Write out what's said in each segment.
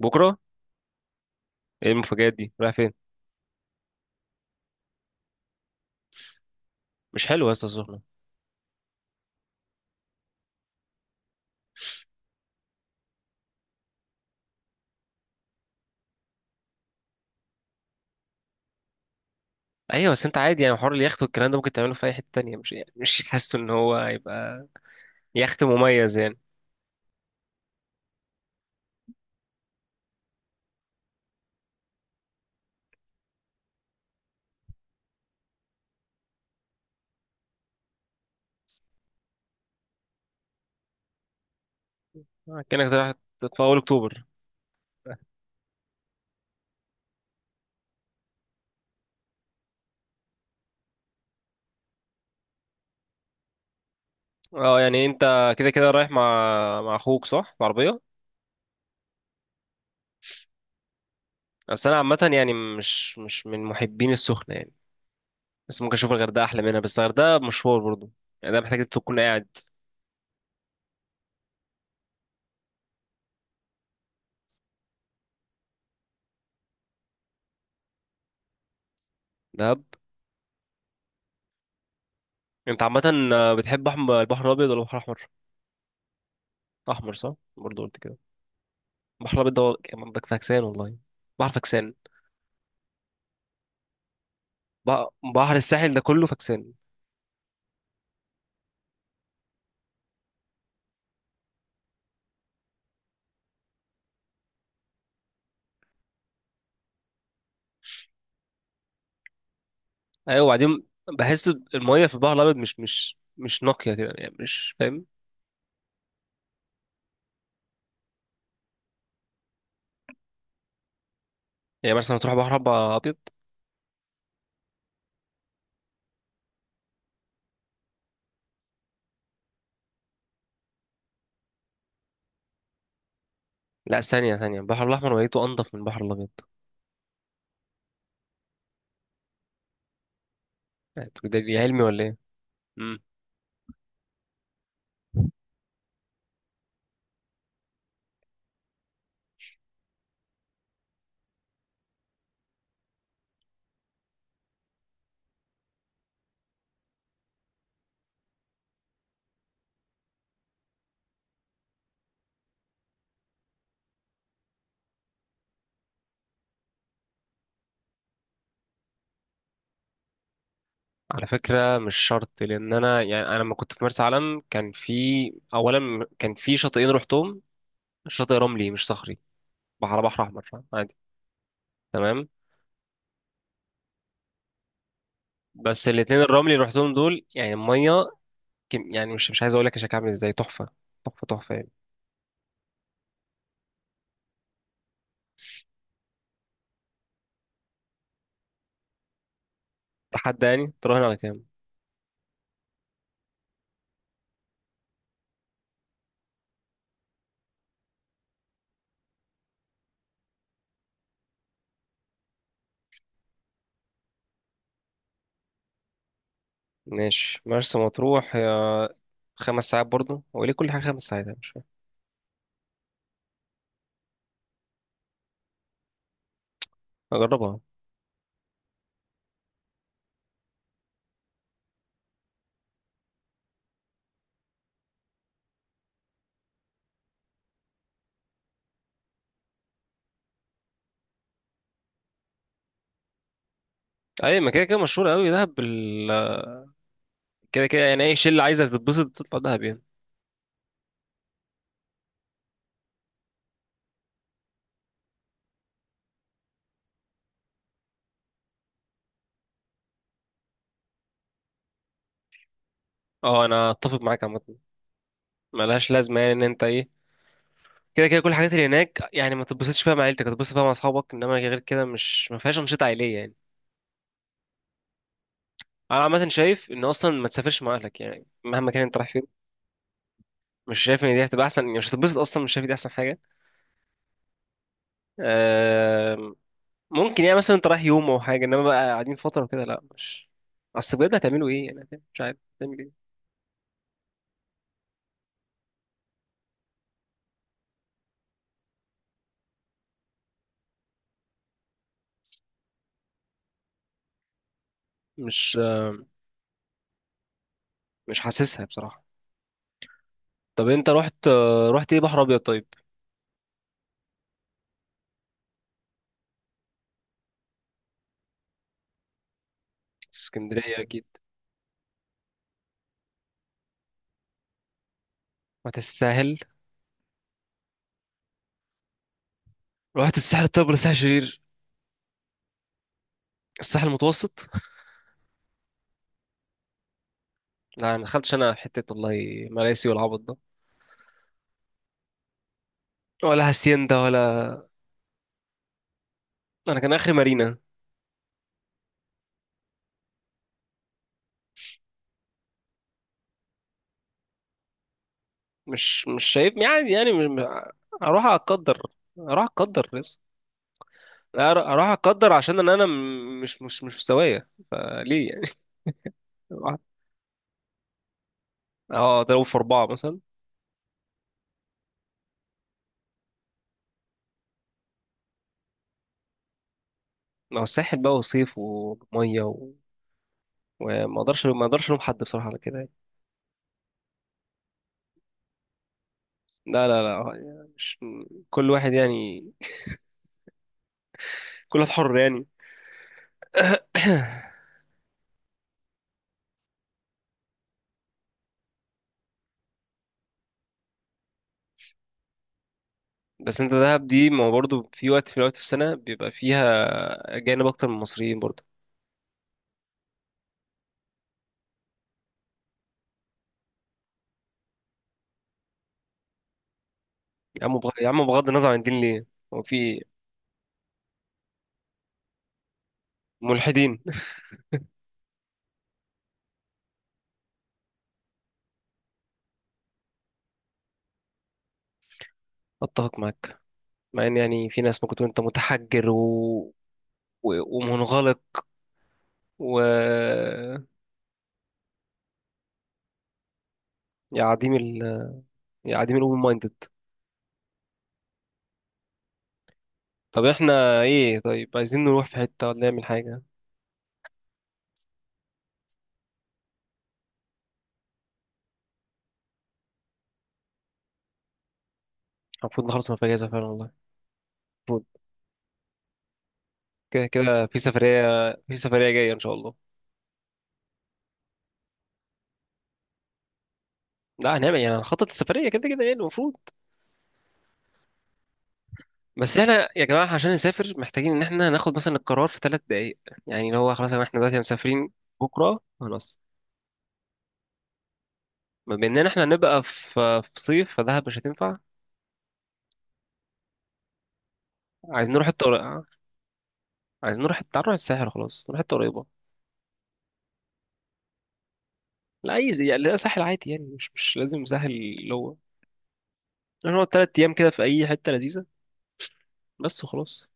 بكره. ايه المفاجآت دي رايح فين؟ مش حلو يا اسطى السخنه. ايوه بس انت عادي، يعني حوار اليخت والكلام ده ممكن تعمله في اي حته تانية، مش يعني مش حاسه ان هو هيبقى يخت مميز يعني. آه، كانك رايح في اول اكتوبر. اه، يعني انت كده كده رايح مع اخوك صح بعربيه. بس انا عامه يعني مش من محبين السخنه يعني. بس ممكن اشوف الغردقه احلى منها. بس الغردقه مشوار برضو، يعني ده محتاج انت تكون قاعد. دهب. انت عامه بتحب البحر الابيض ولا البحر الاحمر؟ احمر، صح، برضو قلت كده. بحر الأبيض ده منطق فاكسان والله. بحر فاكسان. بح- بحر الساحل ده كله فاكسان. أيوة، وبعدين. بحس المية في البحر الأبيض مش نقية كده، يعني مش فاهم. يعني مثلا تروح بحر أبقى أبيض. لا، ثانية ثانية، البحر الأحمر ولايته أنضف من البحر الأبيض. يعني أنتوا دي علمي ولا إيه؟ مم. على فكرة، مش شرط. لأن أنا لما كنت في مرسى علم كان في، أولا كان في شاطئين رحتهم. شاطئ رملي مش صخري. بحر أحمر عادي. تمام. بس الاتنين الرملي اللي رحتهم دول، يعني المية، كم يعني، مش عايز اقول لك الشكل عامل ازاي، تحفه. تحفه تحفه يعني. تحدى، يعني تراهن على كام؟ ماشي، مرسى مطروح، يا 5 ساعات برضه. هو ليه كل حاجه 5 ساعات؟ أنا مش فاهم. اجربها. اي، ما كده كده مشهور قوي دهب. بال... كده كده يعني اي شله عايزه تتبسط تطلع دهب يعني. اه، انا اتفق معاك عامه. ملهاش لازمه، يعني ان انت ايه، كده كده كل الحاجات اللي هناك يعني ما تتبسطش فيها مع عيلتك، هتتبسط فيها مع اصحابك، انما غير كده، مش ما فيهاش انشطه عائليه يعني. انا عامه شايف ان اصلا ما تسافرش مع اهلك، يعني مهما كان انت رايح فين. مش شايف ان دي هتبقى احسن يعني. مش هتتبسط اصلا، مش شايف إن دي احسن حاجه. آم، ممكن يعني مثلا انت رايح يوم او حاجه، انما بقى قاعدين فتره وكده، لا مش، اصل بجد هتعملوا ايه، انا فاهم، مش عارف هتعمل ايه. مش مش حاسسها بصراحه. طب، انت رحت. رحت ايه، بحر ابيض طيب؟ اسكندريه، اكيد. رحت الساحل. رحت الساحل الطيب ولا الساحل الشرير؟ الساحل المتوسط. لا، ما دخلتش انا حته والله، مراسي والعبط ده، ولا هاسيندا ولا. انا كان اخري مارينا. مش شايف يعني، اروح اقدر. اروح اقدر اروح اقدر عشان ان انا مش في سوايا فليه يعني. أروح- اه، اضربه في اربعه مثلا. ما هو الساحل بقى وصيف وميه. و... وما اقدرش ما اقدرش الوم حد بصراحه على كده يعني. لا لا لا، آه، يعني مش، كل واحد يعني، كل واحد حر يعني. بس انت دهب دي، ما هو برضه في وقت في السنه بيبقى فيها اجانب اكتر من المصريين برضه. يا عم، بغض النظر عن الدين ليه؟ هو في ملحدين؟ اتفق معاك. مع ان، يعني في ناس ممكن تكون انت متحجر ومنغلق و، يا عديم ال يا عديم الأوبن مايندد. طب احنا ايه؟ طيب، عايزين نروح في حتة ولا نعمل حاجة؟ المفروض نخلص من الأجازة فعلا والله. المفروض. كده كده في سفرية. في سفرية جاية إن شاء الله. لا، هنعمل يعني هنخطط السفرية كده كده، يعني المفروض. بس احنا يا جماعة، عشان نسافر محتاجين إن احنا ناخد مثلا القرار في 3 دقايق. يعني اللي هو خلاص، يا جماعة احنا دلوقتي مسافرين بكرة خلاص. بما إننا احنا نبقى في صيف فدهب مش هتنفع. عايزين نروح حتة قريبة. عايزين نروح تعال نروح الساحل، خلاص نروح حتة قريبة. لا، يعني لا، ساحل عادي، يعني مش لازم ساحل اللي هو، نقعد 3 ايام كده في اي حته لذيذه بس وخلاص.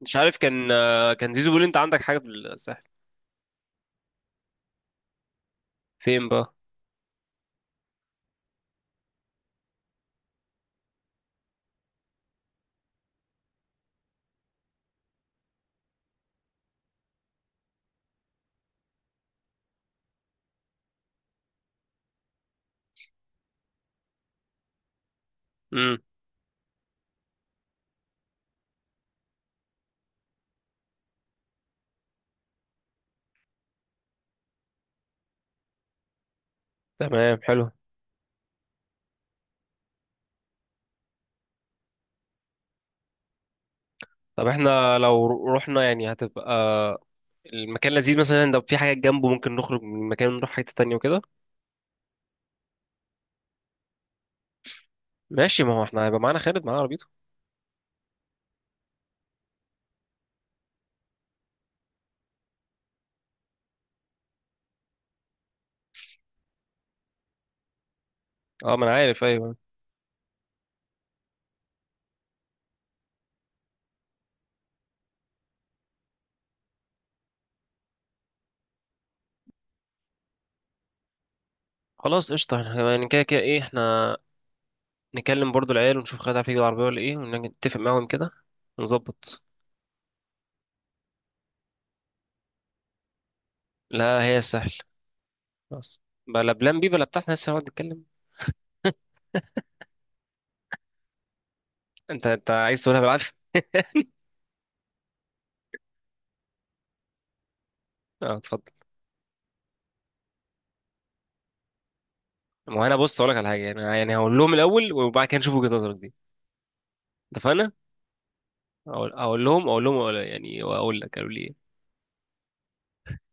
مش عارف كان زيزو بيقول لي انت عندك حاجه في الساحل. فين بقى؟ امم تمام، حلو. طب احنا لو رحنا، يعني هتبقى المكان لذيذ مثلا، لو في حاجه جنبه ممكن نخرج من المكان ونروح حته تانية وكده. ماشي، ما هو احنا هيبقى معانا خالد، معانا عربيته. اه، ما انا عارف، ايوه. خلاص قشطه، احنا يعني كده كده ايه، احنا نكلم برضو العيال ونشوف خالد عارف يجيب العربيه ولا ايه، ونتفق معاهم كده ونظبط. لا هي السهل خلاص. بلا بلان بي بلا بتاع، احنا لسه هنقعد نتكلم. انت عايز تقولها بالعافيه؟ اه، اتفضل. ما هو انا بص اقول لك على حاجه، يعني انا يعني هقول لهم الاول وبعد كده نشوف وجهه نظرك دي. اتفقنا؟ اقول اقول لهم اقول لهم أقول يعني، واقول لك قالوا لي ايه.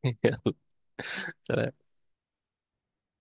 يلا، سلام.